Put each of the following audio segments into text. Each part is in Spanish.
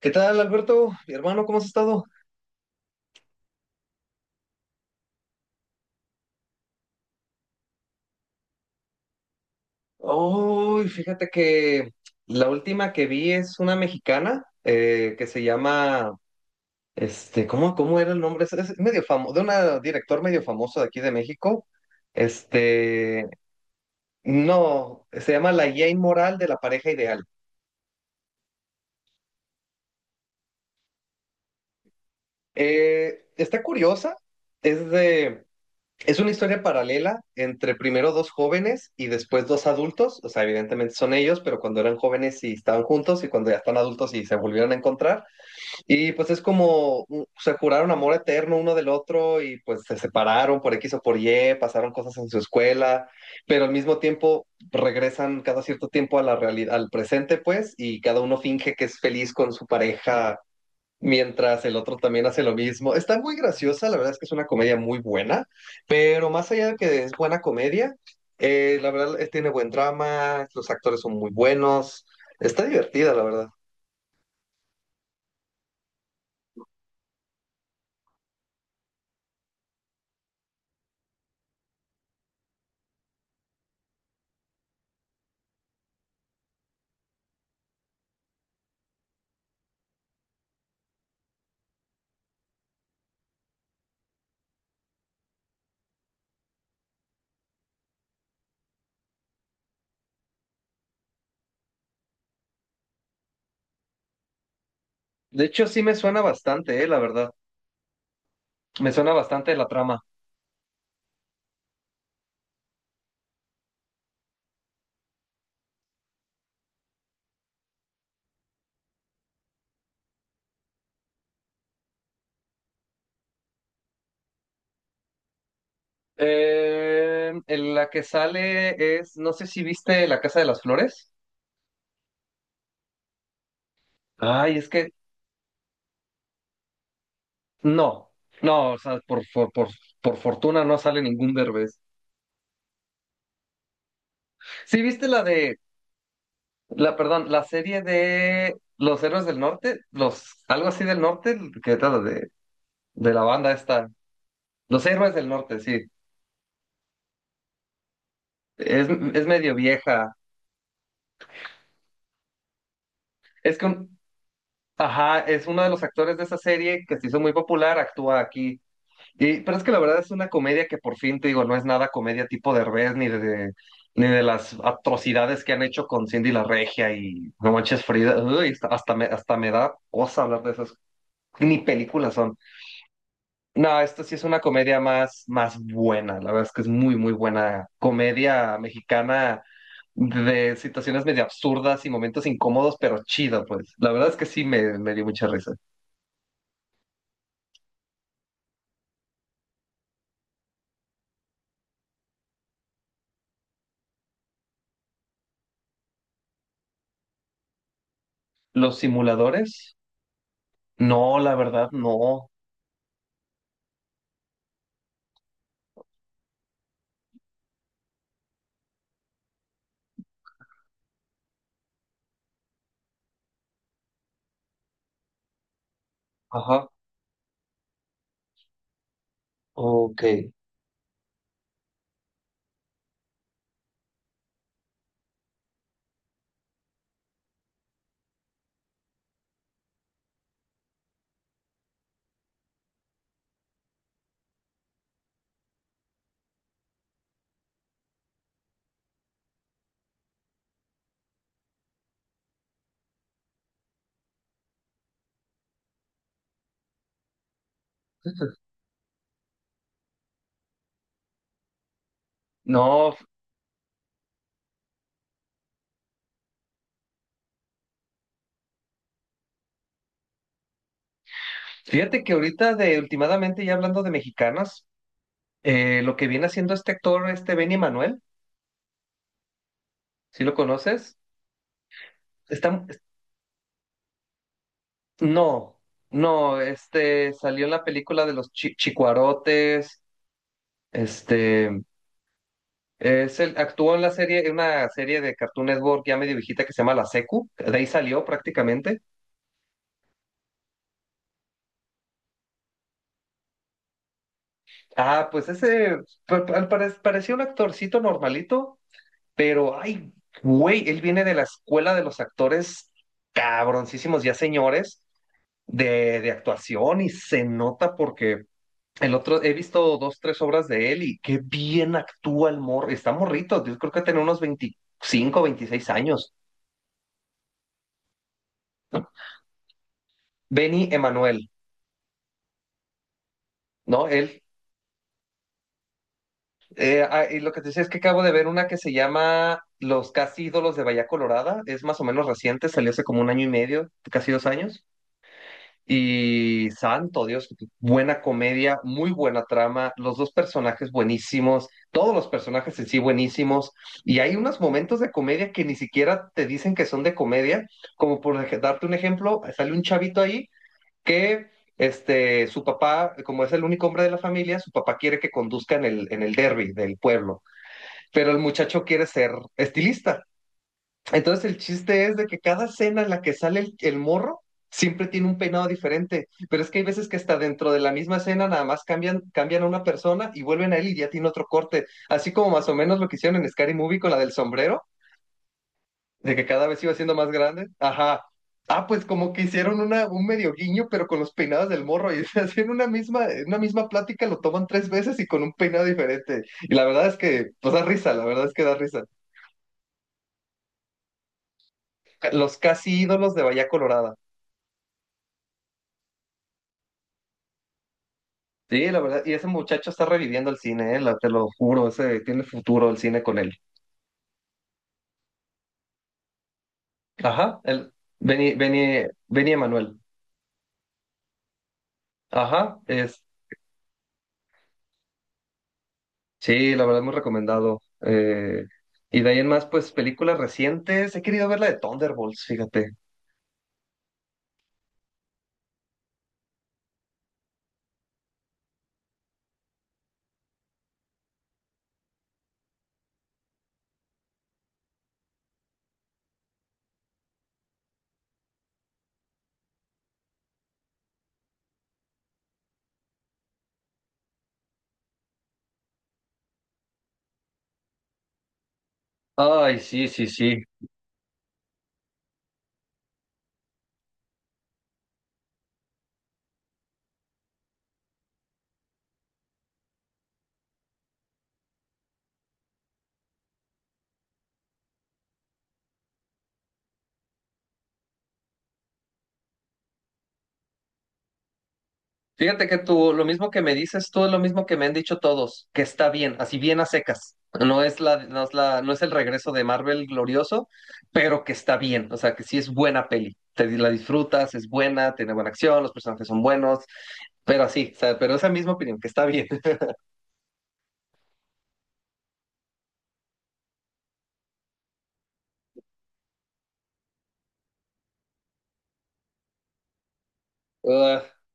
¿Qué tal, Alberto? Mi hermano, ¿cómo has estado? Uy, fíjate que la última que vi es una mexicana que se llama, ¿cómo, era el nombre? Es medio famoso, de una director medio famoso de aquí de México. Este, no, se llama La Jane Moral de la pareja ideal. Está curiosa, es de, es una historia paralela entre primero dos jóvenes y después dos adultos, o sea, evidentemente son ellos, pero cuando eran jóvenes y estaban juntos y cuando ya están adultos y se volvieron a encontrar. Y pues es como se juraron amor eterno uno del otro y pues se separaron por X o por Y, pasaron cosas en su escuela, pero al mismo tiempo regresan cada cierto tiempo a la realidad, al presente pues, y cada uno finge que es feliz con su pareja mientras el otro también hace lo mismo. Está muy graciosa, la verdad es que es una comedia muy buena, pero más allá de que es buena comedia, la verdad tiene buen drama, los actores son muy buenos, está divertida, la verdad. De hecho, sí me suena bastante, la verdad. Me suena bastante la trama. En la que sale es, no sé si viste La Casa de las Flores. Ay, es que no, no, o sea, por fortuna no sale ningún Derbez. Sí, viste la de perdón, la serie de Los Héroes del Norte, los, algo así del norte, de la banda esta. Los Héroes del Norte, sí. Es medio vieja. Es con, ajá, es uno de los actores de esa serie que se hizo muy popular, actúa aquí. Y, pero es que la verdad es una comedia que por fin, te digo, no es nada comedia tipo Derbez ni de las atrocidades que han hecho con Cindy la Regia y No Manches Frida. Uy, hasta me da cosa hablar de esas. Ni películas son. No, esta sí es una comedia más, más buena. La verdad es que es muy, muy buena comedia mexicana de situaciones medio absurdas y momentos incómodos, pero chido, pues. La verdad es que me dio mucha risa. ¿Los simuladores? No, la verdad, no. Ajá. Ok. No, fíjate que ahorita de últimamente ya hablando de mexicanas, lo que viene haciendo este actor, este Benny Manuel, ¿si lo conoces? Está no, no, este salió en la película de los Chicuarotes, este es el actuó en la serie, en una serie de Cartoon Network ya medio viejita que se llama La Secu, de ahí salió prácticamente. Ah, pues ese parecía un actorcito normalito, pero ay, güey, él viene de la escuela de los actores cabroncísimos ya señores de actuación y se nota porque el otro, he visto dos, tres obras de él y qué bien actúa el morro. Está morrito, yo creo que tiene unos 25 o 26 años. ¿No? Benny Emanuel, ¿no? Él, y lo que te decía es que acabo de ver una que se llama Los Casi Ídolos de Bahía Colorada, es más o menos reciente, salió hace como 1 año y medio, casi 2 años. Y santo Dios, buena comedia, muy buena trama, los dos personajes buenísimos, todos los personajes en sí buenísimos, y hay unos momentos de comedia que ni siquiera te dicen que son de comedia, como por darte un ejemplo, sale un chavito ahí que su papá, como es el único hombre de la familia, su papá quiere que conduzca en el derby del pueblo, pero el muchacho quiere ser estilista. Entonces el chiste es de que cada escena en la que sale el morro siempre tiene un peinado diferente, pero es que hay veces que hasta dentro de la misma escena nada más cambian, cambian a una persona y vuelven a él y ya tiene otro corte, así como más o menos lo que hicieron en Scary Movie con la del sombrero, de que cada vez iba siendo más grande. Ajá. Ah, pues como que hicieron un medio guiño, pero con los peinados del morro, y así en una misma plática lo toman 3 veces y con un peinado diferente. Y la verdad es que, pues da risa, la verdad es que da risa. Los casi ídolos de Bahía Colorada. Sí, la verdad, y ese muchacho está reviviendo el cine, te lo juro, ese tiene futuro el cine con él. Ajá, el Benny Emanuel. Ajá, es, sí, la verdad, muy recomendado. Y de ahí en más, pues películas recientes, he querido ver la de Thunderbolts, fíjate. Ay, sí, sí, sí. Fíjate que tú, lo mismo que me dices tú es lo mismo que me han dicho todos, que está bien, así bien a secas. No es el regreso de Marvel glorioso, pero que está bien, o sea, que sí es buena peli. Te la disfrutas, es buena, tiene buena acción, los personajes son buenos, pero así, o sea, pero esa misma opinión, que está bien.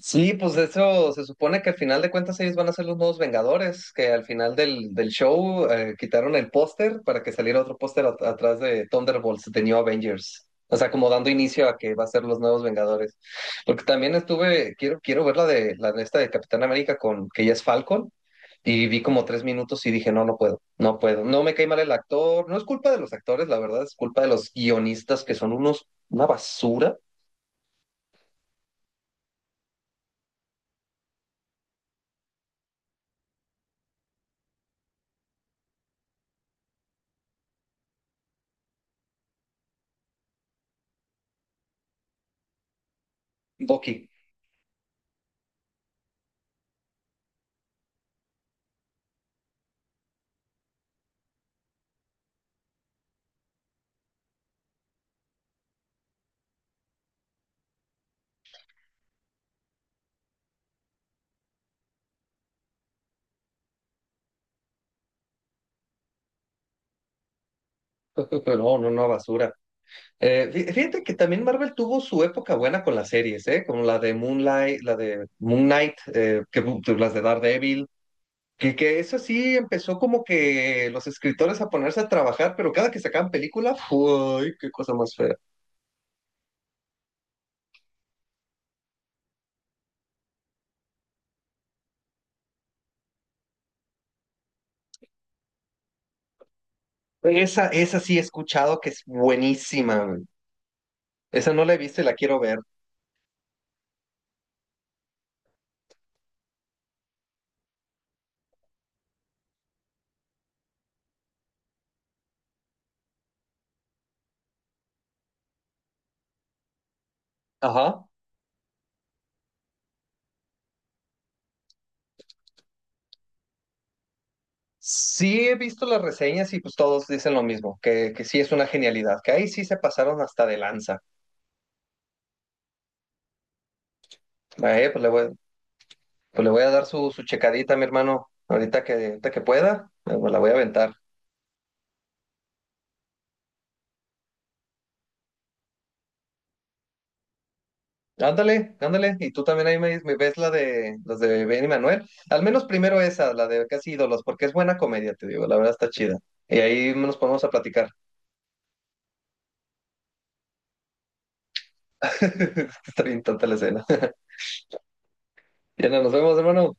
Sí, pues de hecho se supone que al final de cuentas ellos van a ser los nuevos Vengadores, que al final del show quitaron el póster para que saliera otro póster atrás de Thunderbolts, de New Avengers. O sea, como dando inicio a que va a ser los nuevos Vengadores. Porque también estuve, quiero, quiero ver la de esta de Capitán América con que ya es Falcon. Y vi como 3 minutos y dije, no, no puedo, no puedo. No me cae mal el actor. No es culpa de los actores, la verdad, es culpa de los guionistas que son unos, una basura. Bucky. No, no, no, basura. Fíjate que también Marvel tuvo su época buena con las series, ¿eh? Como la de Moonlight, la de Moon Knight, las de Daredevil, que eso sí empezó como que los escritores a ponerse a trabajar, pero cada que sacaban película, ¡ay, qué cosa más fea! Esa sí he escuchado que es buenísima, güey. Esa no la he visto y la quiero ver. Ajá. Sí he visto las reseñas y pues todos dicen lo mismo, que sí es una genialidad, que ahí sí se pasaron hasta de lanza. Eh, pues le voy, Pues le voy a dar su, su checadita, mi hermano, ahorita que pueda, me la voy a aventar. Ándale, ándale, y tú también ahí me ves la de las de Ben y Manuel. Al menos primero esa, la de Casi Ídolos, porque es buena comedia, te digo, la verdad está chida. Y ahí nos ponemos a platicar. Está bien tonta la escena. Ya no, nos vemos, hermano.